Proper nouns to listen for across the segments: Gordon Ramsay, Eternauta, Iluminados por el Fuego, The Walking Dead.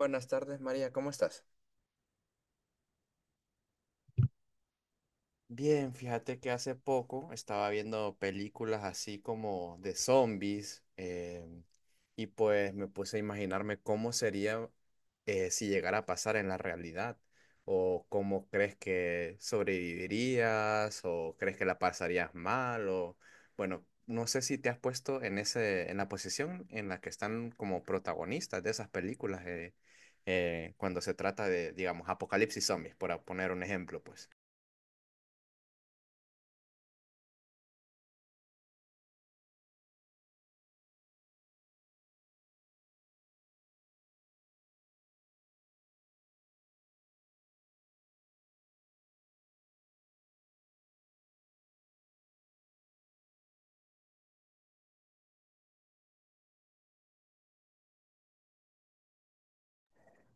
Buenas tardes, María, ¿cómo estás? Bien, fíjate que hace poco estaba viendo películas así como de zombies. Y pues me puse a imaginarme cómo sería si llegara a pasar en la realidad, o cómo crees que sobrevivirías o crees que la pasarías mal. O bueno, no sé si te has puesto en en la posición en la que están como protagonistas de esas películas, cuando se trata de, digamos, apocalipsis zombies, por poner un ejemplo, pues.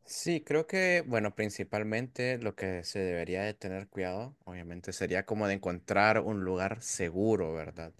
Sí, creo que, bueno, principalmente lo que se debería de tener cuidado, obviamente, sería como de encontrar un lugar seguro, ¿verdad?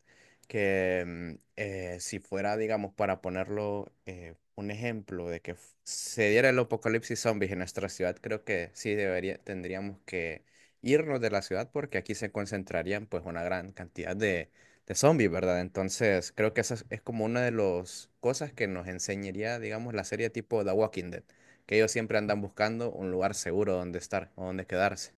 Que si fuera, digamos, para ponerlo un ejemplo de que se diera el apocalipsis zombies en nuestra ciudad, creo que sí debería, tendríamos que irnos de la ciudad porque aquí se concentrarían pues una gran cantidad de zombies, ¿verdad? Entonces, creo que es como una de las cosas que nos enseñaría, digamos, la serie tipo The Walking Dead, que ellos siempre andan buscando un lugar seguro donde estar o donde quedarse.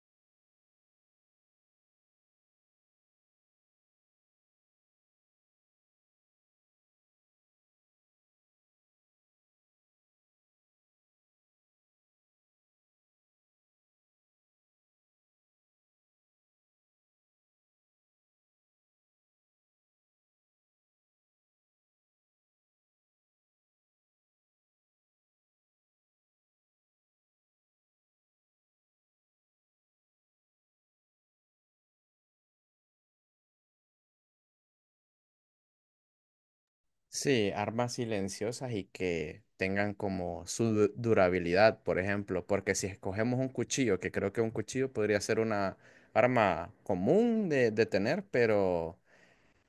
Sí, armas silenciosas y que tengan como su durabilidad, por ejemplo, porque si escogemos un cuchillo, que creo que un cuchillo podría ser una arma común de tener, pero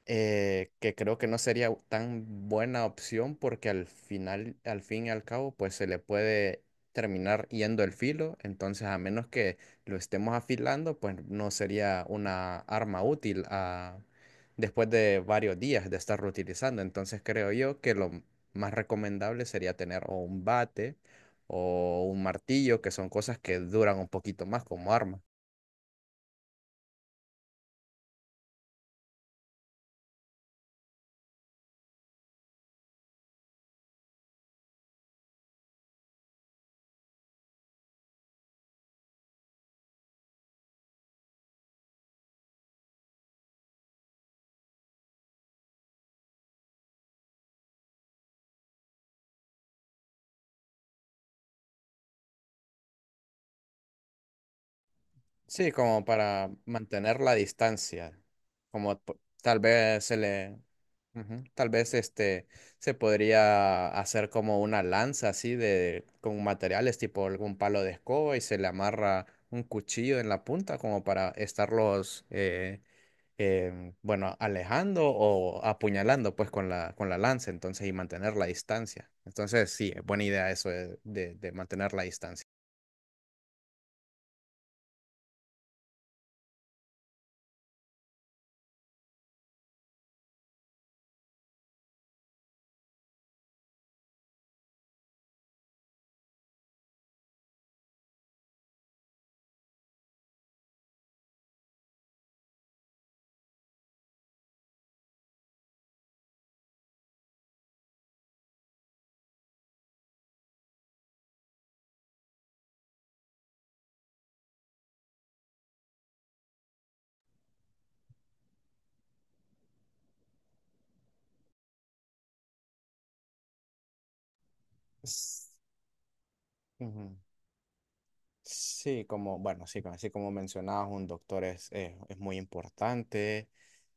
que creo que no sería tan buena opción porque al final, al fin y al cabo, pues se le puede terminar yendo el filo, entonces a menos que lo estemos afilando, pues no sería una arma útil después de varios días de estarlo utilizando. Entonces creo yo que lo más recomendable sería tener o un bate o un martillo, que son cosas que duran un poquito más como arma. Sí, como para mantener la distancia, como tal vez se le, ujú. Tal vez este se podría hacer como una lanza así de con materiales tipo algún palo de escoba y se le amarra un cuchillo en la punta como para estarlos bueno, alejando o apuñalando pues con la lanza, entonces, y mantener la distancia. Entonces sí, buena idea eso de mantener la distancia. S- Ujú. Sí, como, bueno, sí, así como mencionabas, un doctor es muy importante.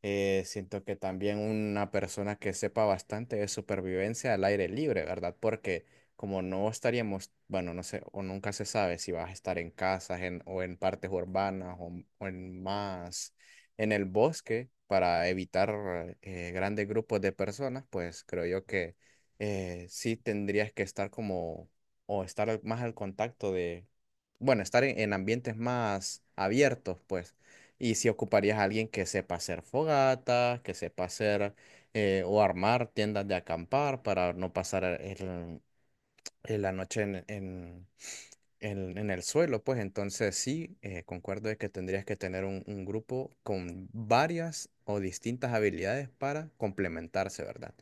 Siento que también una persona que sepa bastante de supervivencia al aire libre, ¿verdad? Porque como no estaríamos, bueno, no sé, o nunca se sabe si vas a estar en o en partes urbanas, o en más, en el bosque, para evitar grandes grupos de personas, pues creo yo que sí tendrías que estar como o estar más al contacto de, bueno, estar en ambientes más abiertos, pues. Y si ocuparías a alguien que sepa hacer fogatas, que sepa hacer, o armar tiendas de acampar para no pasar la noche en el suelo, pues entonces sí, concuerdo de que tendrías que tener un grupo con varias o distintas habilidades para complementarse, ¿verdad?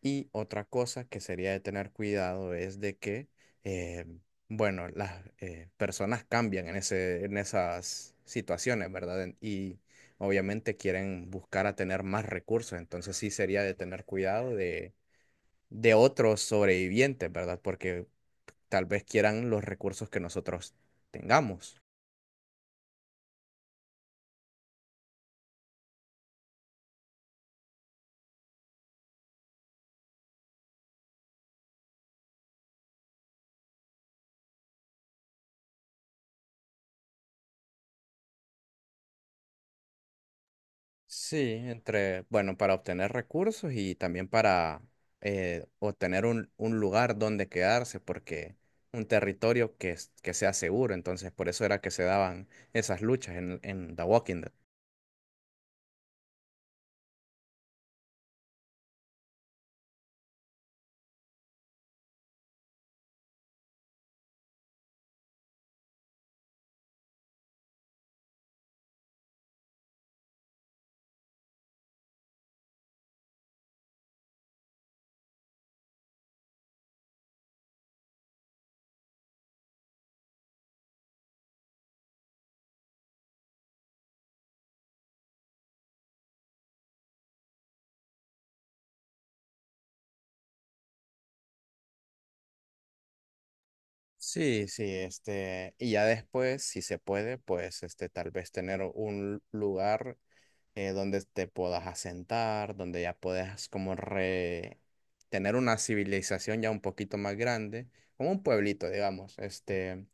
Y otra cosa que sería de tener cuidado es de que, eh, bueno, las personas cambian en en esas situaciones, ¿verdad? Y obviamente quieren buscar a tener más recursos, entonces sí sería de tener cuidado de otros sobrevivientes, ¿verdad? Porque tal vez quieran los recursos que nosotros tengamos. Sí, entre, bueno, para obtener recursos y también para obtener un lugar donde quedarse, porque un territorio que sea seguro, entonces por eso era que se daban esas luchas en The Walking Dead. Sí, sí, este, y ya después, si se puede, pues, este, tal vez tener un lugar donde te puedas asentar, donde ya puedas como tener una civilización ya un poquito más grande, como un pueblito, digamos, este,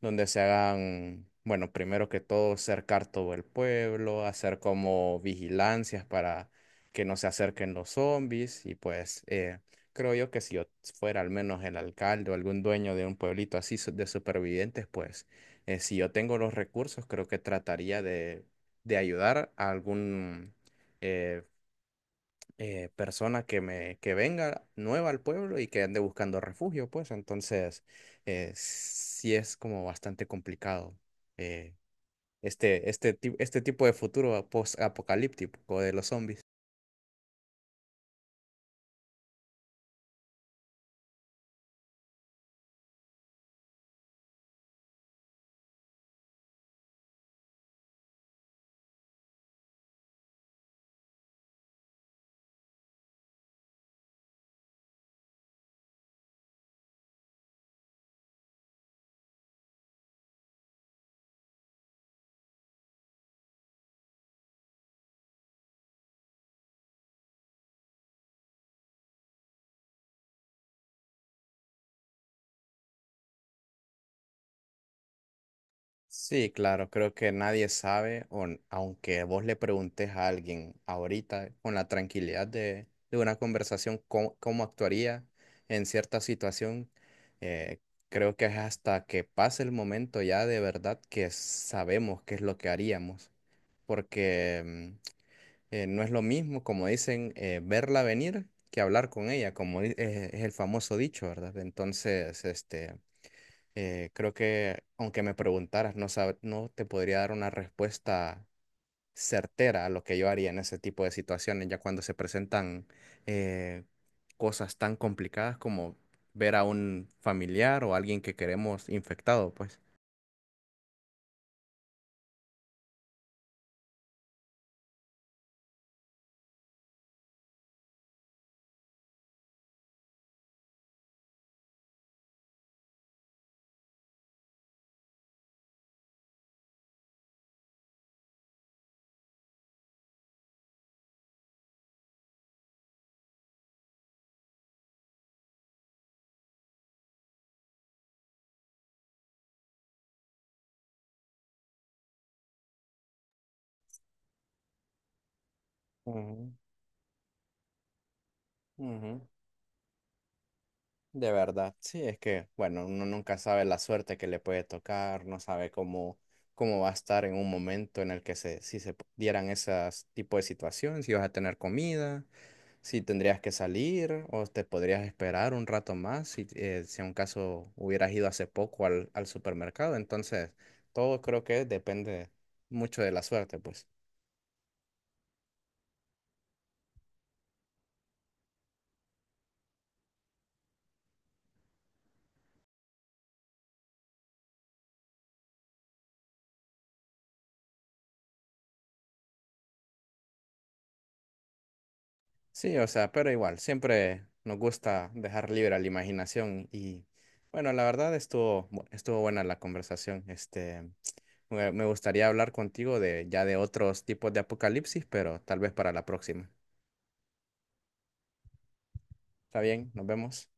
donde se hagan, bueno, primero que todo, cercar todo el pueblo, hacer como vigilancias para que no se acerquen los zombies, y pues creo yo que si yo fuera al menos el alcalde o algún dueño de un pueblito así de supervivientes, pues si yo tengo los recursos, creo que trataría de ayudar a algún eh, persona que me que venga nueva al pueblo y que ande buscando refugio, pues entonces sí es como bastante complicado, eh, este tipo de futuro post-apocalíptico de los zombies. Sí, claro, creo que nadie sabe, o aunque vos le preguntes a alguien ahorita con la tranquilidad de una conversación cómo, cómo actuaría en cierta situación. eh, Creo que es hasta que pase el momento ya de verdad que sabemos qué es lo que haríamos, porque no es lo mismo, como dicen, verla venir que hablar con ella, como es el famoso dicho, ¿verdad? Entonces, este... Creo que aunque me preguntaras, no no te podría dar una respuesta certera a lo que yo haría en ese tipo de situaciones, ya cuando se presentan eh, cosas tan complicadas como ver a un familiar o alguien que queremos infectado, pues. Ujú, ujú. De verdad, sí, es que, bueno, uno nunca sabe la suerte que le puede tocar, no sabe cómo, cómo va a estar en un momento en el que si se dieran esas tipo de situaciones, si vas a tener comida, si tendrías que salir o te podrías esperar un rato más si, si en un caso hubieras ido hace poco al supermercado. Entonces, todo creo que depende mucho de la suerte, pues. Sí, o sea, pero igual, siempre nos gusta dejar libre a la imaginación. Y bueno, la verdad estuvo, estuvo buena la conversación. Este, me gustaría hablar contigo de ya de otros tipos de apocalipsis, pero tal vez para la próxima. Está bien, nos vemos.